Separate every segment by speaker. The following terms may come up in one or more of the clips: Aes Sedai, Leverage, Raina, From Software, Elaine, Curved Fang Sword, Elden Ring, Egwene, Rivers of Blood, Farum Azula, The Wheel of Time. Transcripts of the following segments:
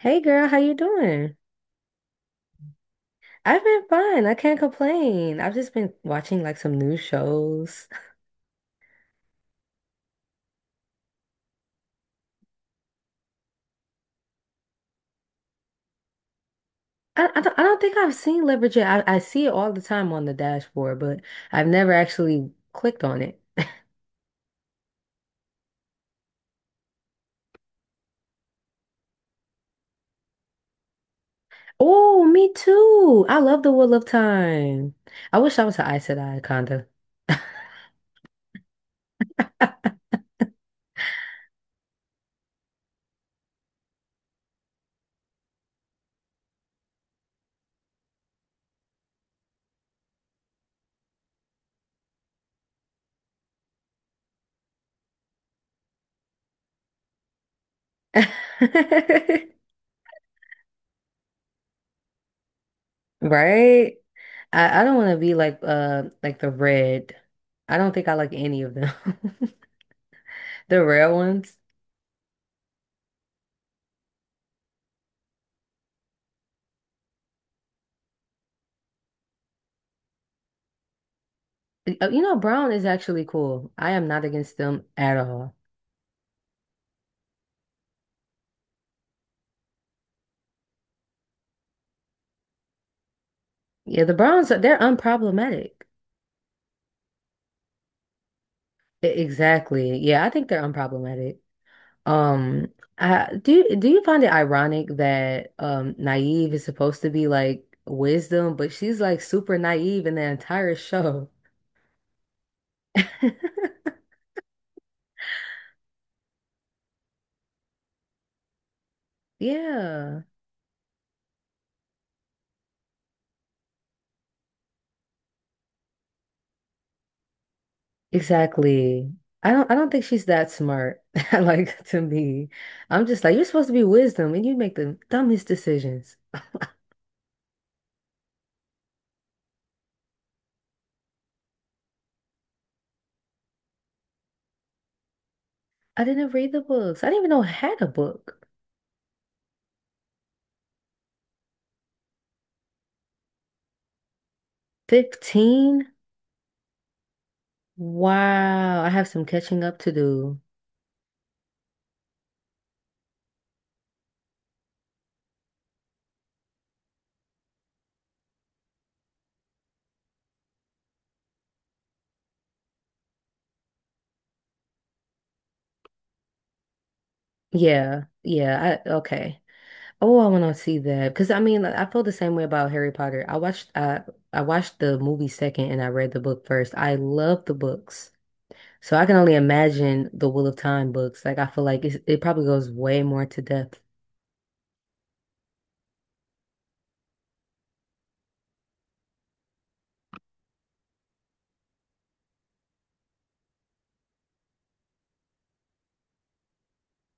Speaker 1: Hey girl, how you doing? I've been fine. I can't complain. I've just been watching like some new shows. I don't think I've seen Leverage yet. I see it all the time on the dashboard, but I've never actually clicked on it. Oh, me too. I love The Wheel of Time. I wish I was an Aes Sedai, kinda. Right? I don't want to be like the red. I don't think I like any of them. The rare ones. You know, brown is actually cool. I am not against them at all. Yeah, the browns are they're unproblematic. Exactly. Yeah, I think they're unproblematic. Um, I, do you, find it ironic that Naive is supposed to be like wisdom, but she's like super naive in the entire show? Yeah. Exactly. I don't think she's that smart. Like to me. I'm just like, you're supposed to be wisdom and you make the dumbest decisions. I didn't read the books. I didn't even know I had a book. 15? Wow. I have some catching up to do. Yeah. Yeah. I okay. Oh, I want to see that. Because I mean, I feel the same way about Harry Potter. I watched the movie second and I read the book first. I love the books. So I can only imagine the Wheel of Time books. Like I feel like it probably goes way more to depth.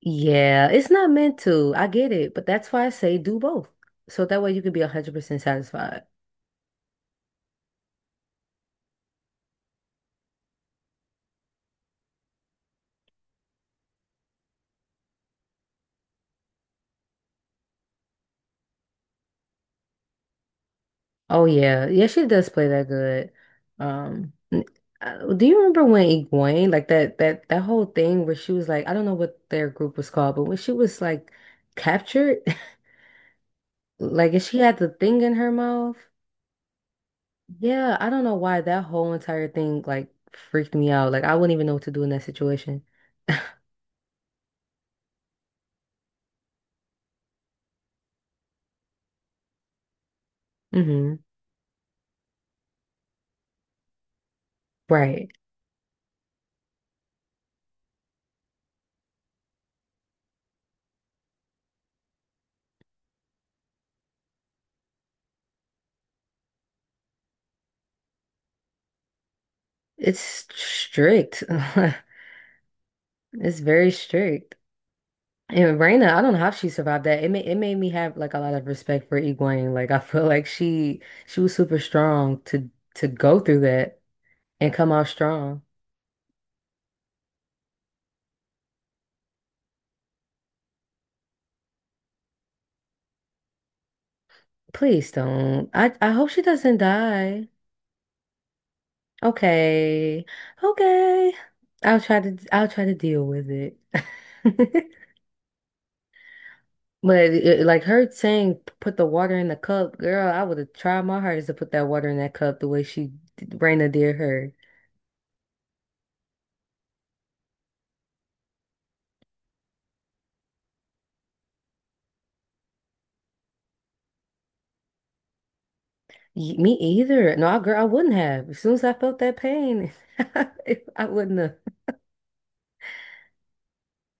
Speaker 1: Yeah, it's not meant to. I get it, but that's why I say do both. So that way you can be 100% satisfied. Oh yeah. Yeah, she does play that good. Um n- do you remember when Egwene, like that whole thing where she was like, I don't know what their group was called, but when she was like captured, like and she had the thing in her mouth. Yeah, I don't know why that whole entire thing like freaked me out. Like I wouldn't even know what to do in that situation. hmm Right. It's strict. It's very strict. And Raina, I don't know how she survived that. It made me have like a lot of respect for Egwene. Like I feel like she was super strong to go through that and come out strong. Please don't. I hope she doesn't die. Okay. Okay. I'll try to deal with it. But it, like her saying, put the water in the cup, girl, I would have tried my hardest to put that water in that cup the way she Raina did her. Me either. No, I, girl, I wouldn't have. As soon as I felt that pain, I wouldn't have.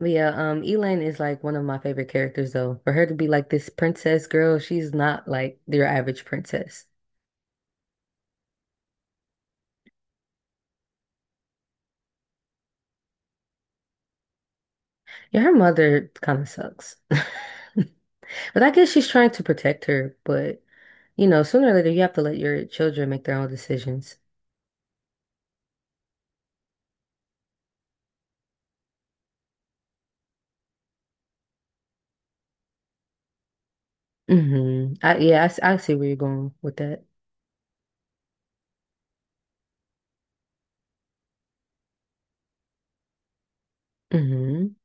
Speaker 1: But yeah, Elaine is like one of my favorite characters though. For her to be like this princess girl, she's not like your average princess. Yeah, her mother kind of sucks. But I guess she's trying to protect her. But you know, sooner or later, you have to let your children make their own decisions. Hmm yeah, I see where you're going with that. Hmm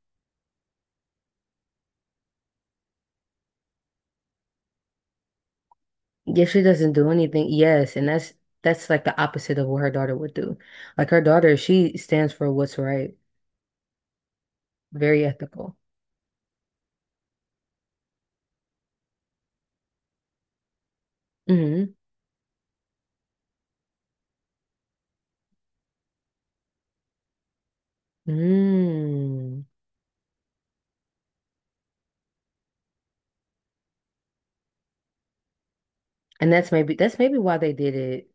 Speaker 1: If she doesn't do anything, yes, and that's like the opposite of what her daughter would do. Like her daughter, she stands for what's right, very ethical. Hmm Mm. And that's maybe why they did it.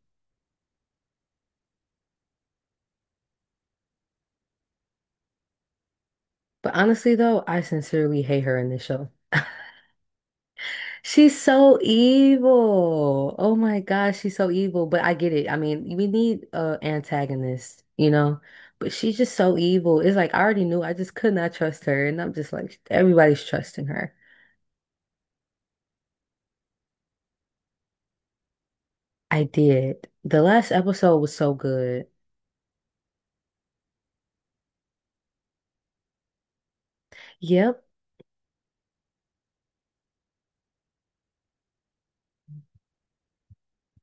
Speaker 1: But honestly, though, I sincerely hate her in this show. She's so evil. Oh my gosh, she's so evil. But I get it. I mean, we need a antagonist, you know? But she's just so evil. It's like I already knew I just could not trust her. And I'm just like, everybody's trusting her. I did. The last episode was so good. Yep.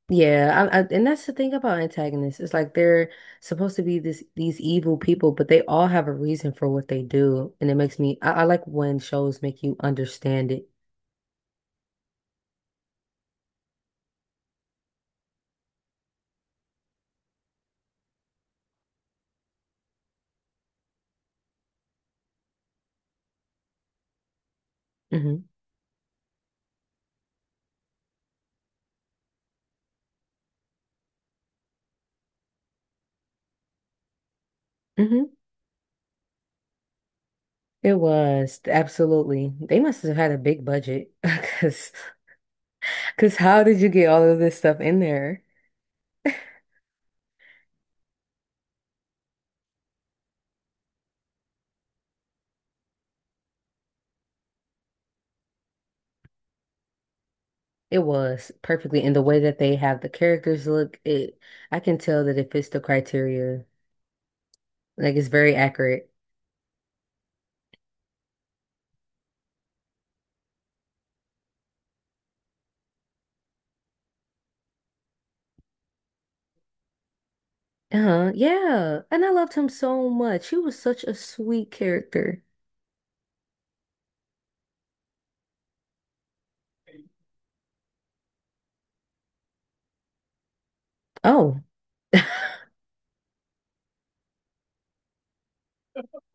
Speaker 1: Yeah. And that's the thing about antagonists. It's like they're supposed to be this these evil people, but they all have a reason for what they do. And it makes me I like when shows make you understand it. Hmm hmm It was absolutely. They must have had a big budget because how did you get all of this stuff in there? It was perfectly in the way that they have the characters look. It I can tell that it fits the criteria. Like it's very accurate. Uh-huh. Yeah. And I loved him so much. He was such a sweet character. Oh.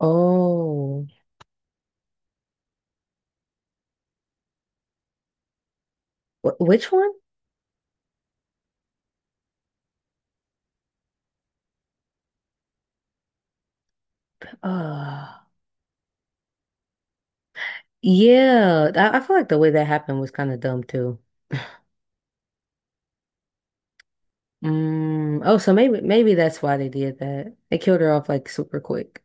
Speaker 1: Oh. Wh which one? Uh yeah. I feel like the way that happened was kind of dumb. Mm, oh, so maybe that's why they did that. They killed her off like super quick.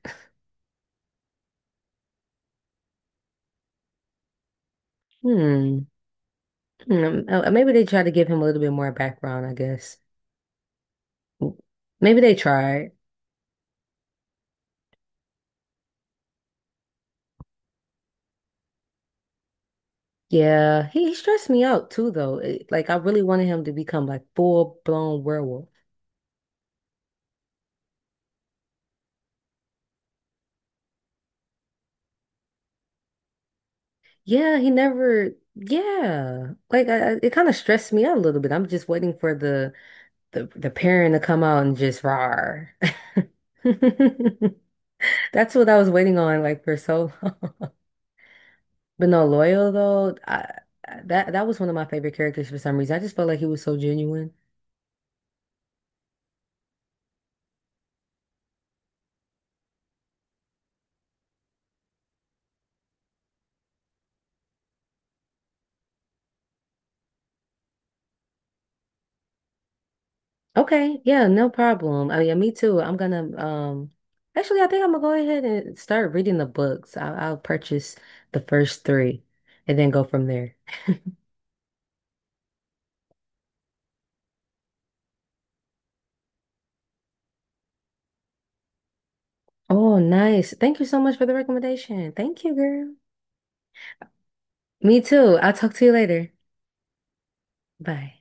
Speaker 1: Hmm. Hmm. Maybe they tried to give him a little bit more background, I guess. Maybe they tried. Yeah, he stressed me out too, though. Like I really wanted him to become like full blown werewolf. Yeah, he never. Yeah, like it kind of stressed me out a little bit. I'm just waiting for the the parent to come out and just roar. That's what I was waiting on, like for so. But no, Loyal though, that that was one of my favorite characters for some reason. I just felt like he was so genuine. Okay, yeah, no problem. I mean, me too. I'm gonna actually I think I'm gonna go ahead and start reading the books. I'll purchase the first three and then go from there. Oh, nice. Thank you so much for the recommendation. Thank you, girl. Me too. I'll talk to you later. Bye.